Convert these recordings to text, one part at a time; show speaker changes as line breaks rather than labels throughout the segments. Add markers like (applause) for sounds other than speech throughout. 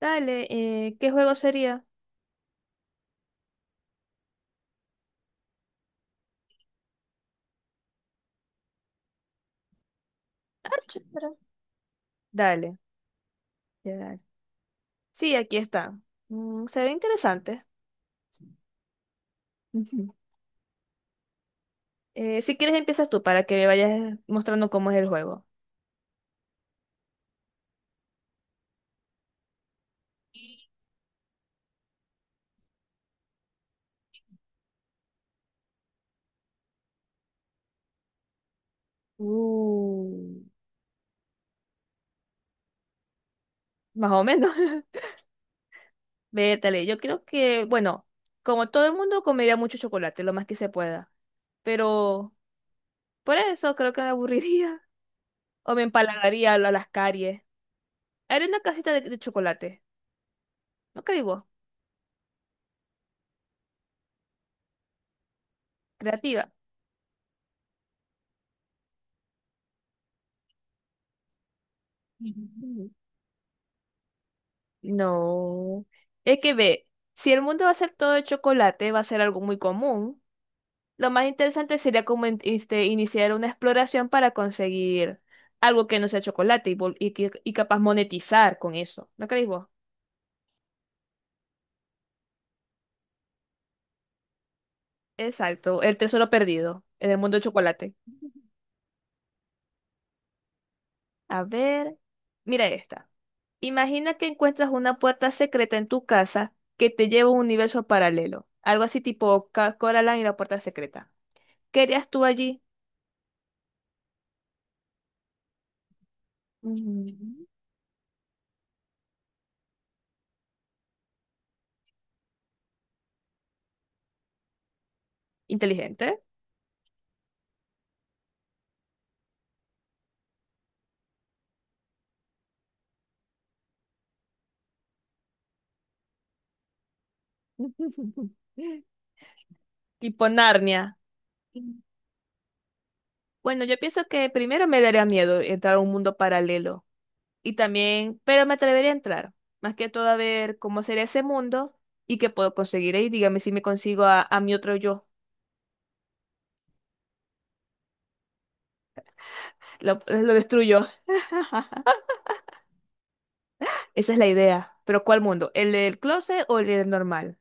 Dale, ¿qué juego sería? Ah, chévere. Dale, ya dale. Sí, aquí está. Mm, se ve interesante. Ujú. Si quieres empiezas tú para que me vayas mostrando cómo es el juego. Uh, más o menos. (laughs) Vétale, yo creo que, bueno, como todo el mundo comería mucho chocolate, lo más que se pueda. Pero por eso creo que me aburriría (laughs) o me empalagaría a las caries. Haré una casita de chocolate. ¿No crees vos? Creativa. Ujú. No. Es que ve, si el mundo va a ser todo de chocolate, va a ser algo muy común. Lo más interesante sería como iniciar una exploración para conseguir algo que no sea chocolate y, y capaz monetizar con eso. ¿No creéis vos? Exacto, el tesoro perdido en el mundo de chocolate. A ver, mira esta. Imagina que encuentras una puerta secreta en tu casa que te lleva a un universo paralelo. Algo así tipo Coraline y la puerta secreta. ¿Qué harías tú allí? Ujú. Inteligente. (laughs) Tipo Narnia. Bueno, yo pienso que primero me daría miedo entrar a un mundo paralelo. Y también, pero me atrevería a entrar. Más que todo a ver cómo sería ese mundo y qué puedo conseguir ahí. Dígame si me consigo a mi otro yo. Lo, (laughs) lo destruyo. Esa es la idea. Pero ¿cuál mundo? ¿El del closet o el del normal?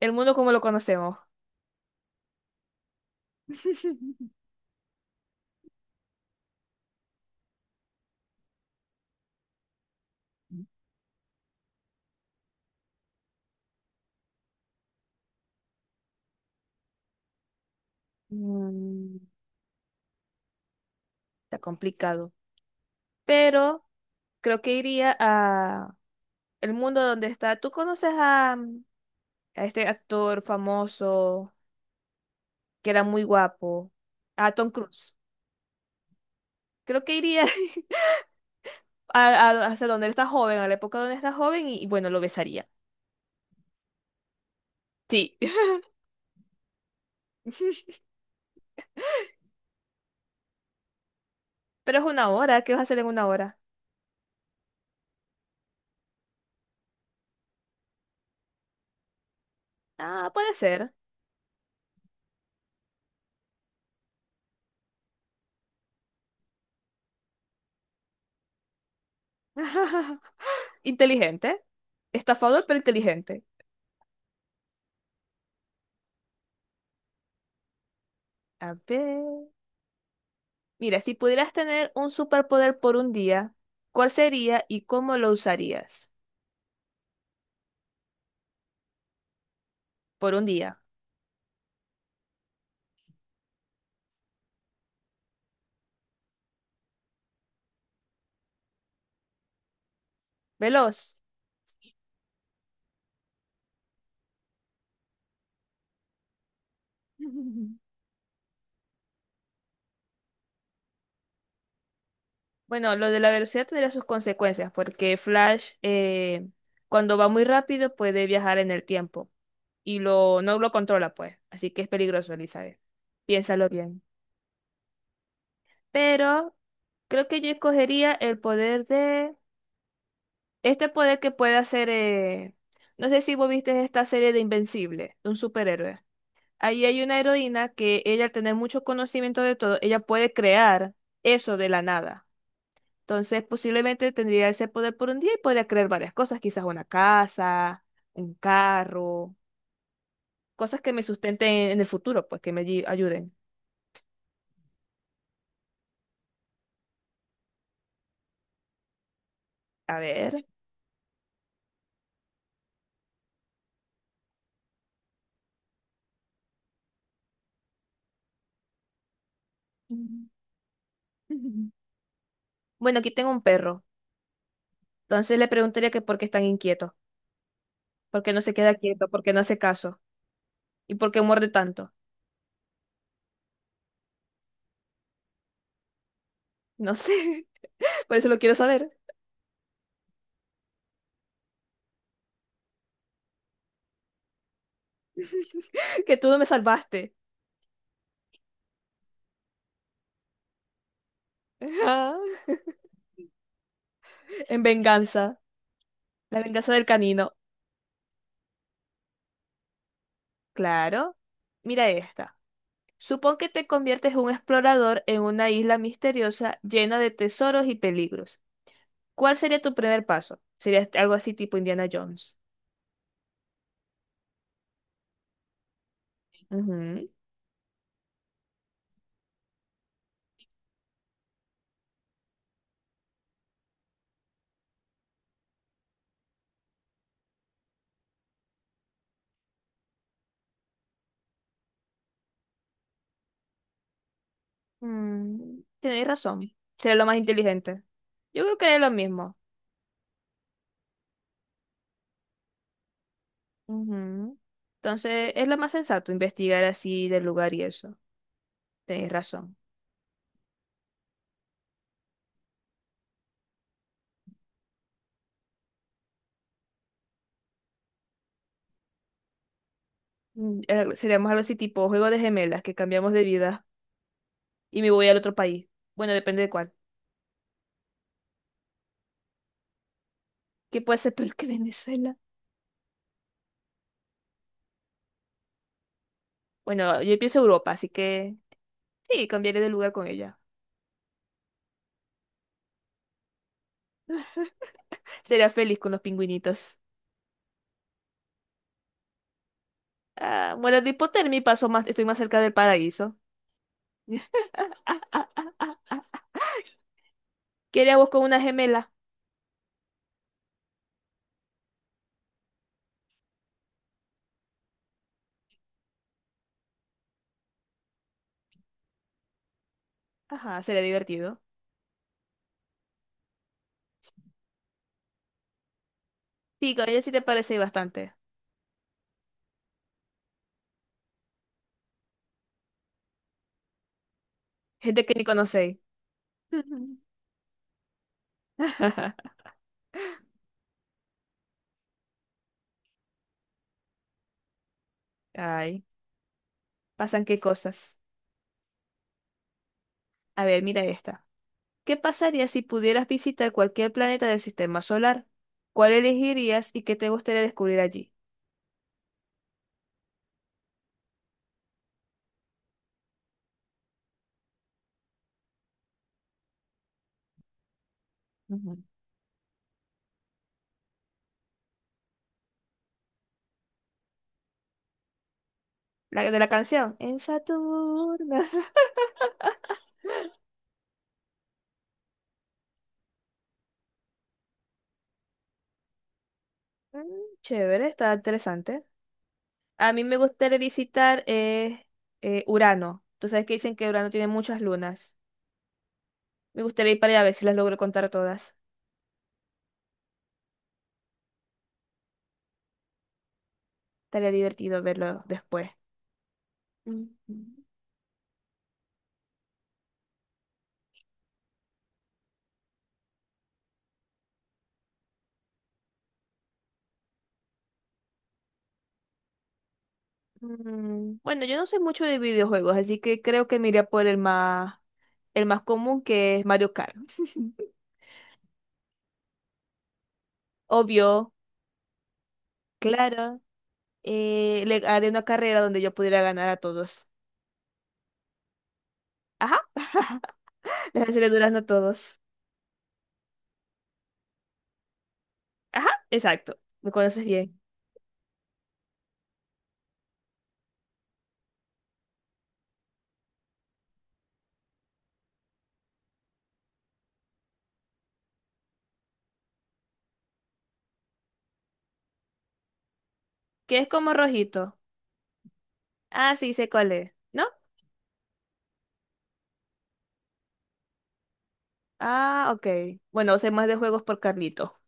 El mundo como lo conocemos. (laughs) Mm, está complicado. Pero creo que iría a, el mundo donde está. ¿Tú conoces a, a este actor famoso que era muy guapo? A Tom Cruise. Creo que iría (laughs) hasta donde él está joven, a la época donde está joven, y bueno, lo besaría. Sí. (laughs) Pero es una hora. ¿Qué vas a hacer en una hora? Ah, puede ser. (laughs) Inteligente. Estafador, pero inteligente. A ver. Mira, si pudieras tener un superpoder por un día, ¿cuál sería y cómo lo usarías? Por un día. Veloz. (laughs) Bueno, lo de la velocidad tendría sus consecuencias, porque Flash, cuando va muy rápido, puede viajar en el tiempo y lo, no lo controla, pues. Así que es peligroso, Elizabeth. Piénsalo bien. Pero creo que yo escogería el poder de... Este poder que puede hacer... No sé si vos viste esta serie de Invencible, de un superhéroe. Ahí hay una heroína que ella, al tener mucho conocimiento de todo, ella puede crear eso de la nada. Entonces, posiblemente tendría ese poder por un día y podría crear varias cosas, quizás una casa, un carro, cosas que me sustenten en el futuro, pues que me ayuden. A ver. Mm. (laughs) Bueno, aquí tengo un perro. Entonces le preguntaría que por qué es tan inquieto, por qué no se queda quieto, por qué no hace caso y por qué muerde tanto. No sé, (laughs) por eso lo quiero saber, (laughs) que tú no me salvaste. (laughs) En venganza, la venganza del canino. Claro. Mira esta. Supón que te conviertes en un explorador en una isla misteriosa llena de tesoros y peligros. ¿Cuál sería tu primer paso? Sería algo así tipo Indiana Jones. Ujú. Mm, tenéis razón. Sería lo más inteligente. Yo creo que es lo mismo. Ujú. Entonces, es lo más sensato investigar así del lugar y eso. Tenéis razón. Seríamos algo así tipo juego de gemelas que cambiamos de vida y me voy al otro país. Bueno, depende de cuál. ¿Qué puede ser peor que (laughs) Venezuela? Bueno, yo pienso Europa, así que. Sí, cambiaré de lugar con ella. Sería feliz con los pingüinitos. Ah, muero de hipotermia y paso más, estoy más cerca del paraíso. (laughs) Ah, ah, ah. ¿Qué haríamos con una gemela? Ajá, sería divertido. Sí, con ella sí te parece bastante. Gente que ni conocéis. (laughs) Ay, pasan qué cosas. A ver, mira esta. ¿Qué pasaría si pudieras visitar cualquier planeta del sistema solar? ¿Cuál elegirías y qué te gustaría descubrir allí? Ujú. La de la canción. En Saturno. (laughs) Mm, chévere, está interesante. A mí me gustaría visitar Urano. Tú sabes que dicen que Urano tiene muchas lunas. Me gustaría ir para allá a ver si las logro contar todas. Estaría divertido verlo después. Mm. Mm, bueno, yo no soy mucho de videojuegos, así que creo que me iría por el más común, que es Mario Kart. (laughs) Obvio, claro. Le haré una carrera donde yo pudiera ganar a todos. Ajá, (laughs) les haré durazno a todos. Ajá, exacto. Me conoces bien. Que es como rojito. Ah, sí, sé cuál es. ¿No? Ah, ok. Bueno, sé más de juegos por Carlito.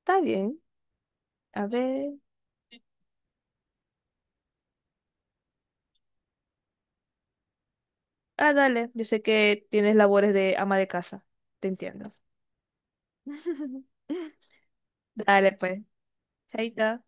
Está bien. A ver. Ah, dale. Yo sé que tienes labores de ama de casa. Te entiendo. (laughs) Dale, pues. Chaito.